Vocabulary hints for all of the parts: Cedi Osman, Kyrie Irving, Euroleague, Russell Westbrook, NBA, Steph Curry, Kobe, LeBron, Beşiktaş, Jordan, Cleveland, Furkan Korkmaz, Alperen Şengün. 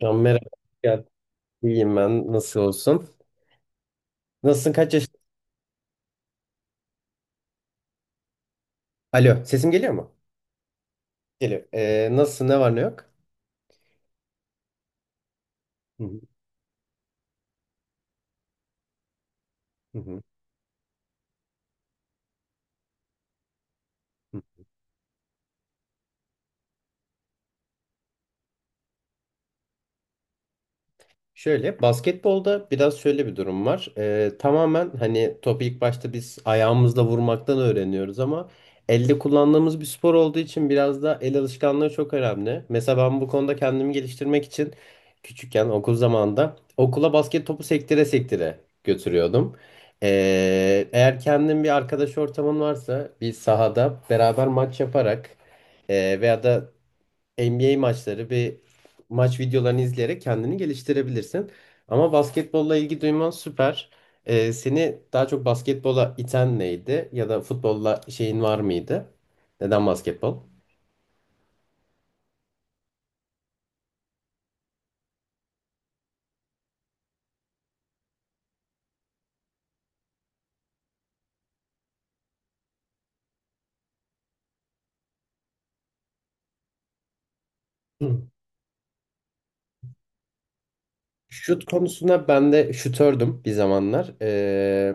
Can merhaba. Gel. İyiyim ben. Nasıl olsun? Nasılsın? Kaç yaş? Alo. Sesim geliyor mu? Geliyor. Nasılsın? Ne var ne yok? Hı hı. Hı hı. Şöyle basketbolda biraz şöyle bir durum var. Tamamen hani topu ilk başta biz ayağımızla vurmaktan öğreniyoruz ama elde kullandığımız bir spor olduğu için biraz da el alışkanlığı çok önemli. Mesela ben bu konuda kendimi geliştirmek için küçükken okul zamanında okula basket topu sektire sektire götürüyordum. Eğer kendin bir arkadaş ortamın varsa bir sahada beraber maç yaparak veya da NBA maçları bir maç videolarını izleyerek kendini geliştirebilirsin. Ama basketbolla ilgi duyman süper. Seni daha çok basketbola iten neydi? Ya da futbolla şeyin var mıydı? Neden basketbol? Hı. Şut konusunda ben de şutördüm bir zamanlar. Ee,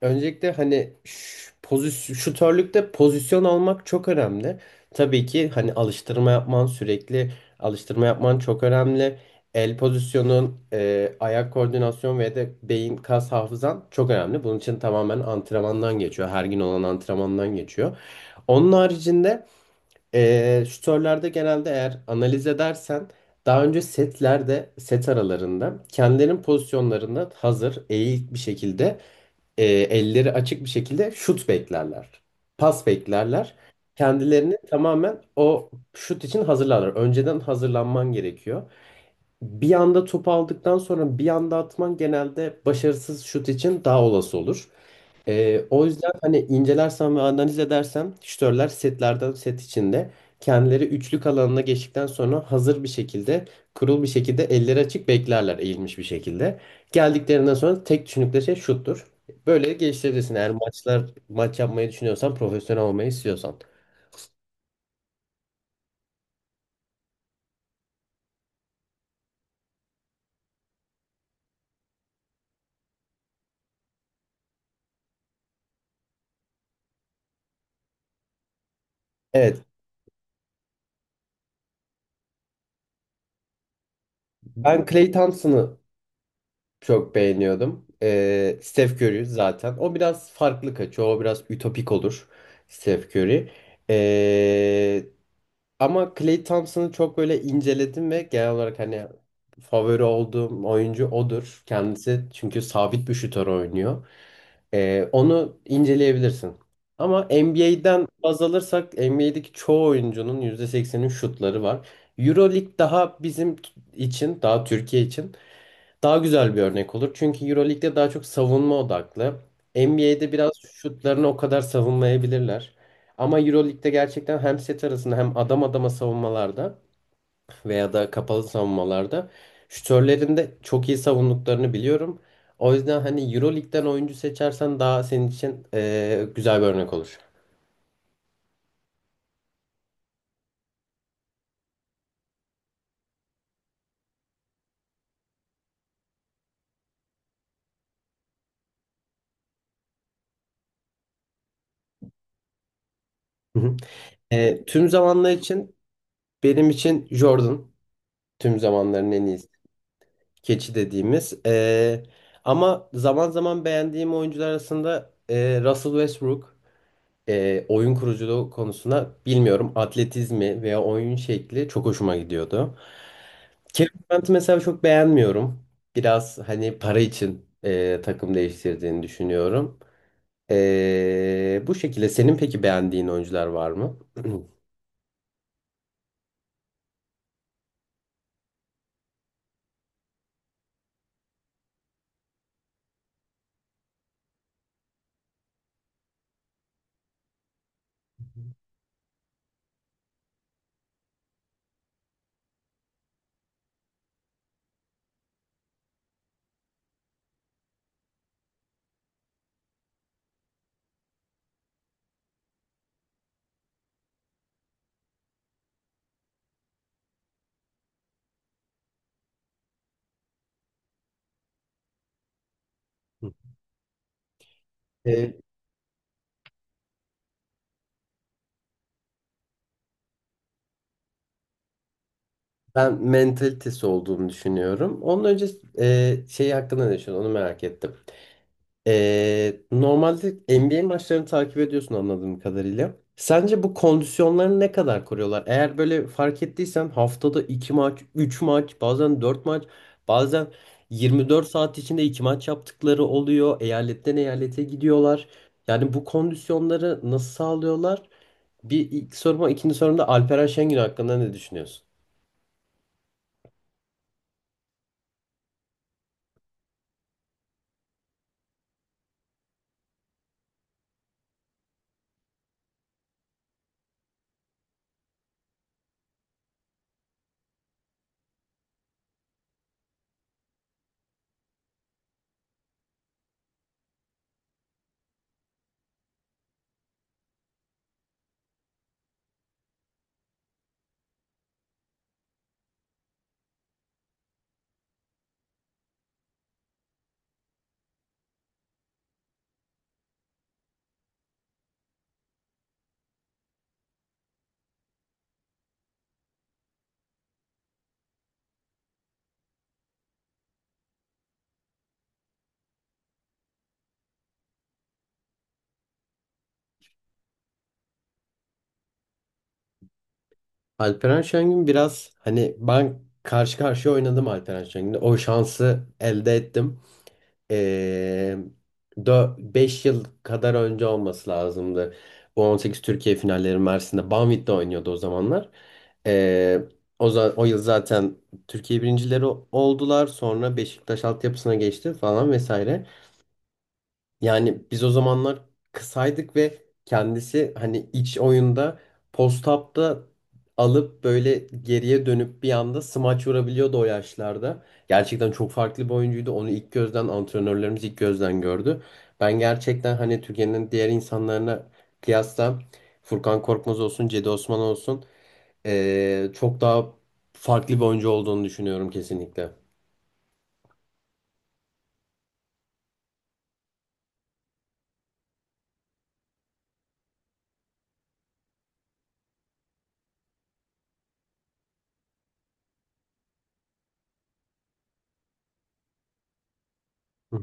Öncelikle hani pozisyon, şutörlükte pozisyon almak çok önemli. Tabii ki hani alıştırma yapman sürekli alıştırma yapman çok önemli. El pozisyonun, ayak koordinasyon ve de beyin kas hafızan çok önemli. Bunun için tamamen antrenmandan geçiyor. Her gün olan antrenmandan geçiyor. Onun haricinde şutörlerde genelde eğer analiz edersen daha önce setlerde set aralarında kendilerinin pozisyonlarında hazır eğik bir şekilde elleri açık bir şekilde şut beklerler. Pas beklerler. Kendilerini tamamen o şut için hazırlarlar. Önceden hazırlanman gerekiyor. Bir anda top aldıktan sonra bir anda atman genelde başarısız şut için daha olası olur. O yüzden hani incelersem ve analiz edersem şütörler setlerden set içinde kendileri üçlük alanına geçtikten sonra hazır bir şekilde kurul bir şekilde elleri açık beklerler eğilmiş bir şekilde. Geldiklerinden sonra tek düşündükleri şey şuttur. Böyle geliştirebilirsin eğer maç yapmayı düşünüyorsan profesyonel olmayı istiyorsan. Evet, ben Clay Thompson'ı çok beğeniyordum. Steph Curry zaten. O biraz farklı kaçıyor. O biraz ütopik olur. Steph Curry. Ee, Ama Clay Thompson'ı çok böyle inceledim ve genel olarak hani favori olduğum oyuncu odur. Kendisi çünkü sabit bir şutör oynuyor. Onu inceleyebilirsin. Ama NBA'den baz alırsak NBA'deki çoğu oyuncunun %80'in şutları var. Euroleague daha bizim için, daha Türkiye için daha güzel bir örnek olur. Çünkü EuroLeague'de daha çok savunma odaklı. NBA'de biraz şutlarını o kadar savunmayabilirler. Ama EuroLeague'de gerçekten hem set arasında hem adam adama savunmalarda veya da kapalı savunmalarda şütörlerin de çok iyi savunduklarını biliyorum. O yüzden hani EuroLeague'den oyuncu seçersen daha senin için güzel bir örnek olur. Hı hı. Tüm zamanlar için benim için Jordan tüm zamanların en iyisi. Keçi dediğimiz. Ama zaman zaman beğendiğim oyuncular arasında Russell Westbrook, oyun kuruculuğu konusunda bilmiyorum atletizmi veya oyun şekli çok hoşuma gidiyordu. Kevin Durant'ı mesela çok beğenmiyorum. Biraz hani para için takım değiştirdiğini düşünüyorum. Bu şekilde senin peki beğendiğin oyuncular var mı? E, Ben mentalitesi olduğunu düşünüyorum. Onun önce şeyi hakkında ne düşünüyorsun? Onu merak ettim. Normalde NBA maçlarını takip ediyorsun anladığım kadarıyla. Sence bu kondisyonlarını ne kadar koruyorlar? Eğer böyle fark ettiysen haftada 2 maç, 3 maç, bazen 4 maç, bazen 24 saat içinde 2 maç yaptıkları oluyor. Eyaletten eyalete gidiyorlar. Yani bu kondisyonları nasıl sağlıyorlar? Bir ilk soruma, ikinci sorumda Alperen Şengün hakkında ne düşünüyorsun? Alperen Şengün biraz hani ben karşı karşıya oynadım Alperen Şengün'le. O şansı elde ettim. Ee, 5 yıl kadar önce olması lazımdı. Bu 18 Türkiye finalleri Mersin'de Banvit'te oynuyordu o zamanlar. Ee, O yıl zaten Türkiye birincileri oldular. Sonra Beşiktaş altyapısına geçti falan vesaire. Yani biz o zamanlar kısaydık ve kendisi hani iç oyunda post-up'ta alıp böyle geriye dönüp bir anda smaç vurabiliyordu o yaşlarda. Gerçekten çok farklı bir oyuncuydu. Onu ilk gözden antrenörlerimiz ilk gözden gördü. Ben gerçekten hani Türkiye'nin diğer insanlarına kıyasla Furkan Korkmaz olsun, Cedi Osman olsun çok daha farklı bir oyuncu olduğunu düşünüyorum kesinlikle. Hı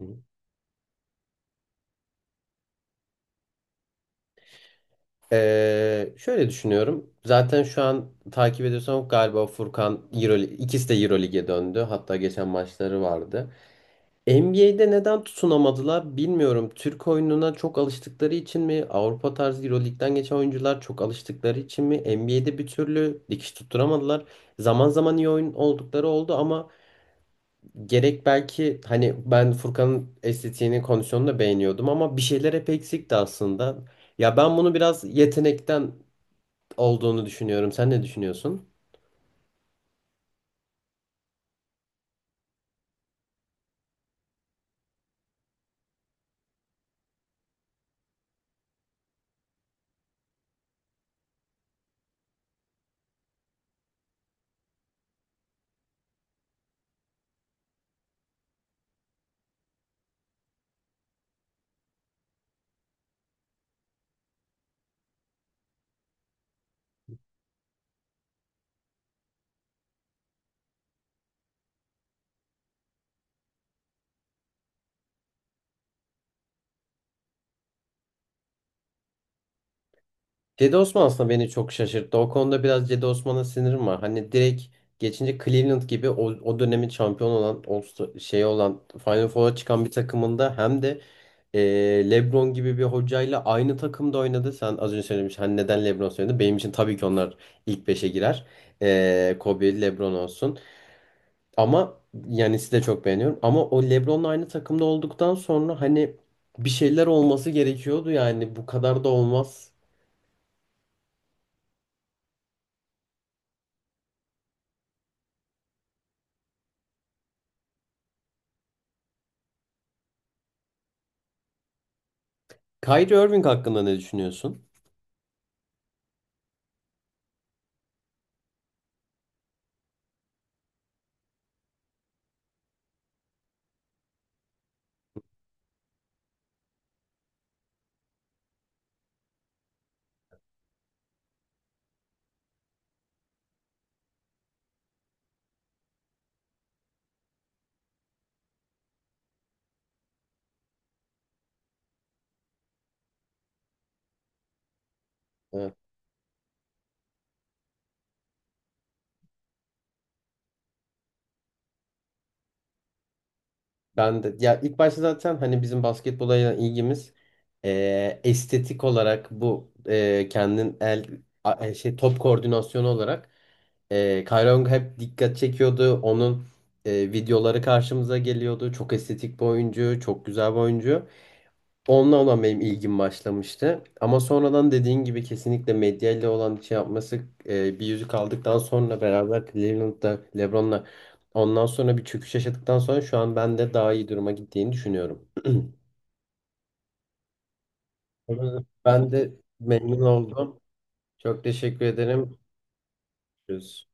hı. Şöyle düşünüyorum. Zaten şu an takip ediyorsam galiba Furkan Euroleague, ikisi de Euroleague'e döndü. Hatta geçen maçları vardı. NBA'de neden tutunamadılar bilmiyorum. Türk oyununa çok alıştıkları için mi? Avrupa tarzı Euroleague'den geçen oyuncular çok alıştıkları için mi? NBA'de bir türlü dikiş tutturamadılar. Zaman zaman iyi oyun oldukları oldu ama gerek belki hani ben Furkan'ın estetiğini, kondisyonunu da beğeniyordum ama bir şeyler hep eksikti aslında. Ya ben bunu biraz yetenekten olduğunu düşünüyorum. Sen ne düşünüyorsun? Cedi Osman aslında beni çok şaşırttı. O konuda biraz Cedi Osman'a sinirim var. Hani direkt geçince Cleveland gibi o dönemin şampiyon olan o şey olan Final Four'a çıkan bir takımında hem de LeBron gibi bir hocayla aynı takımda oynadı. Sen az önce söylemiş hani neden LeBron söyledi? Benim için tabii ki onlar ilk beşe girer. Kobe, LeBron olsun. Ama Yanis'i de çok beğeniyorum. Ama o LeBron'la aynı takımda olduktan sonra hani bir şeyler olması gerekiyordu yani bu kadar da olmaz. Kyrie Irving hakkında ne düşünüyorsun? Evet. Ben de ya ilk başta zaten hani bizim basketbola olan ilgimiz estetik olarak bu kendin el a- e, şey top koordinasyonu olarak Kyrie Irving hep dikkat çekiyordu. Onun videoları karşımıza geliyordu. Çok estetik bir oyuncu, çok güzel bir oyuncu. Onunla olan benim ilgim başlamıştı. Ama sonradan dediğin gibi kesinlikle medyayla olan şey yapması, bir yüzük aldıktan sonra beraber Cleveland'da LeBron'la ondan sonra bir çöküş yaşadıktan sonra şu an ben de daha iyi duruma gittiğini düşünüyorum. Ben de memnun oldum. Çok teşekkür ederim. Görüşürüz.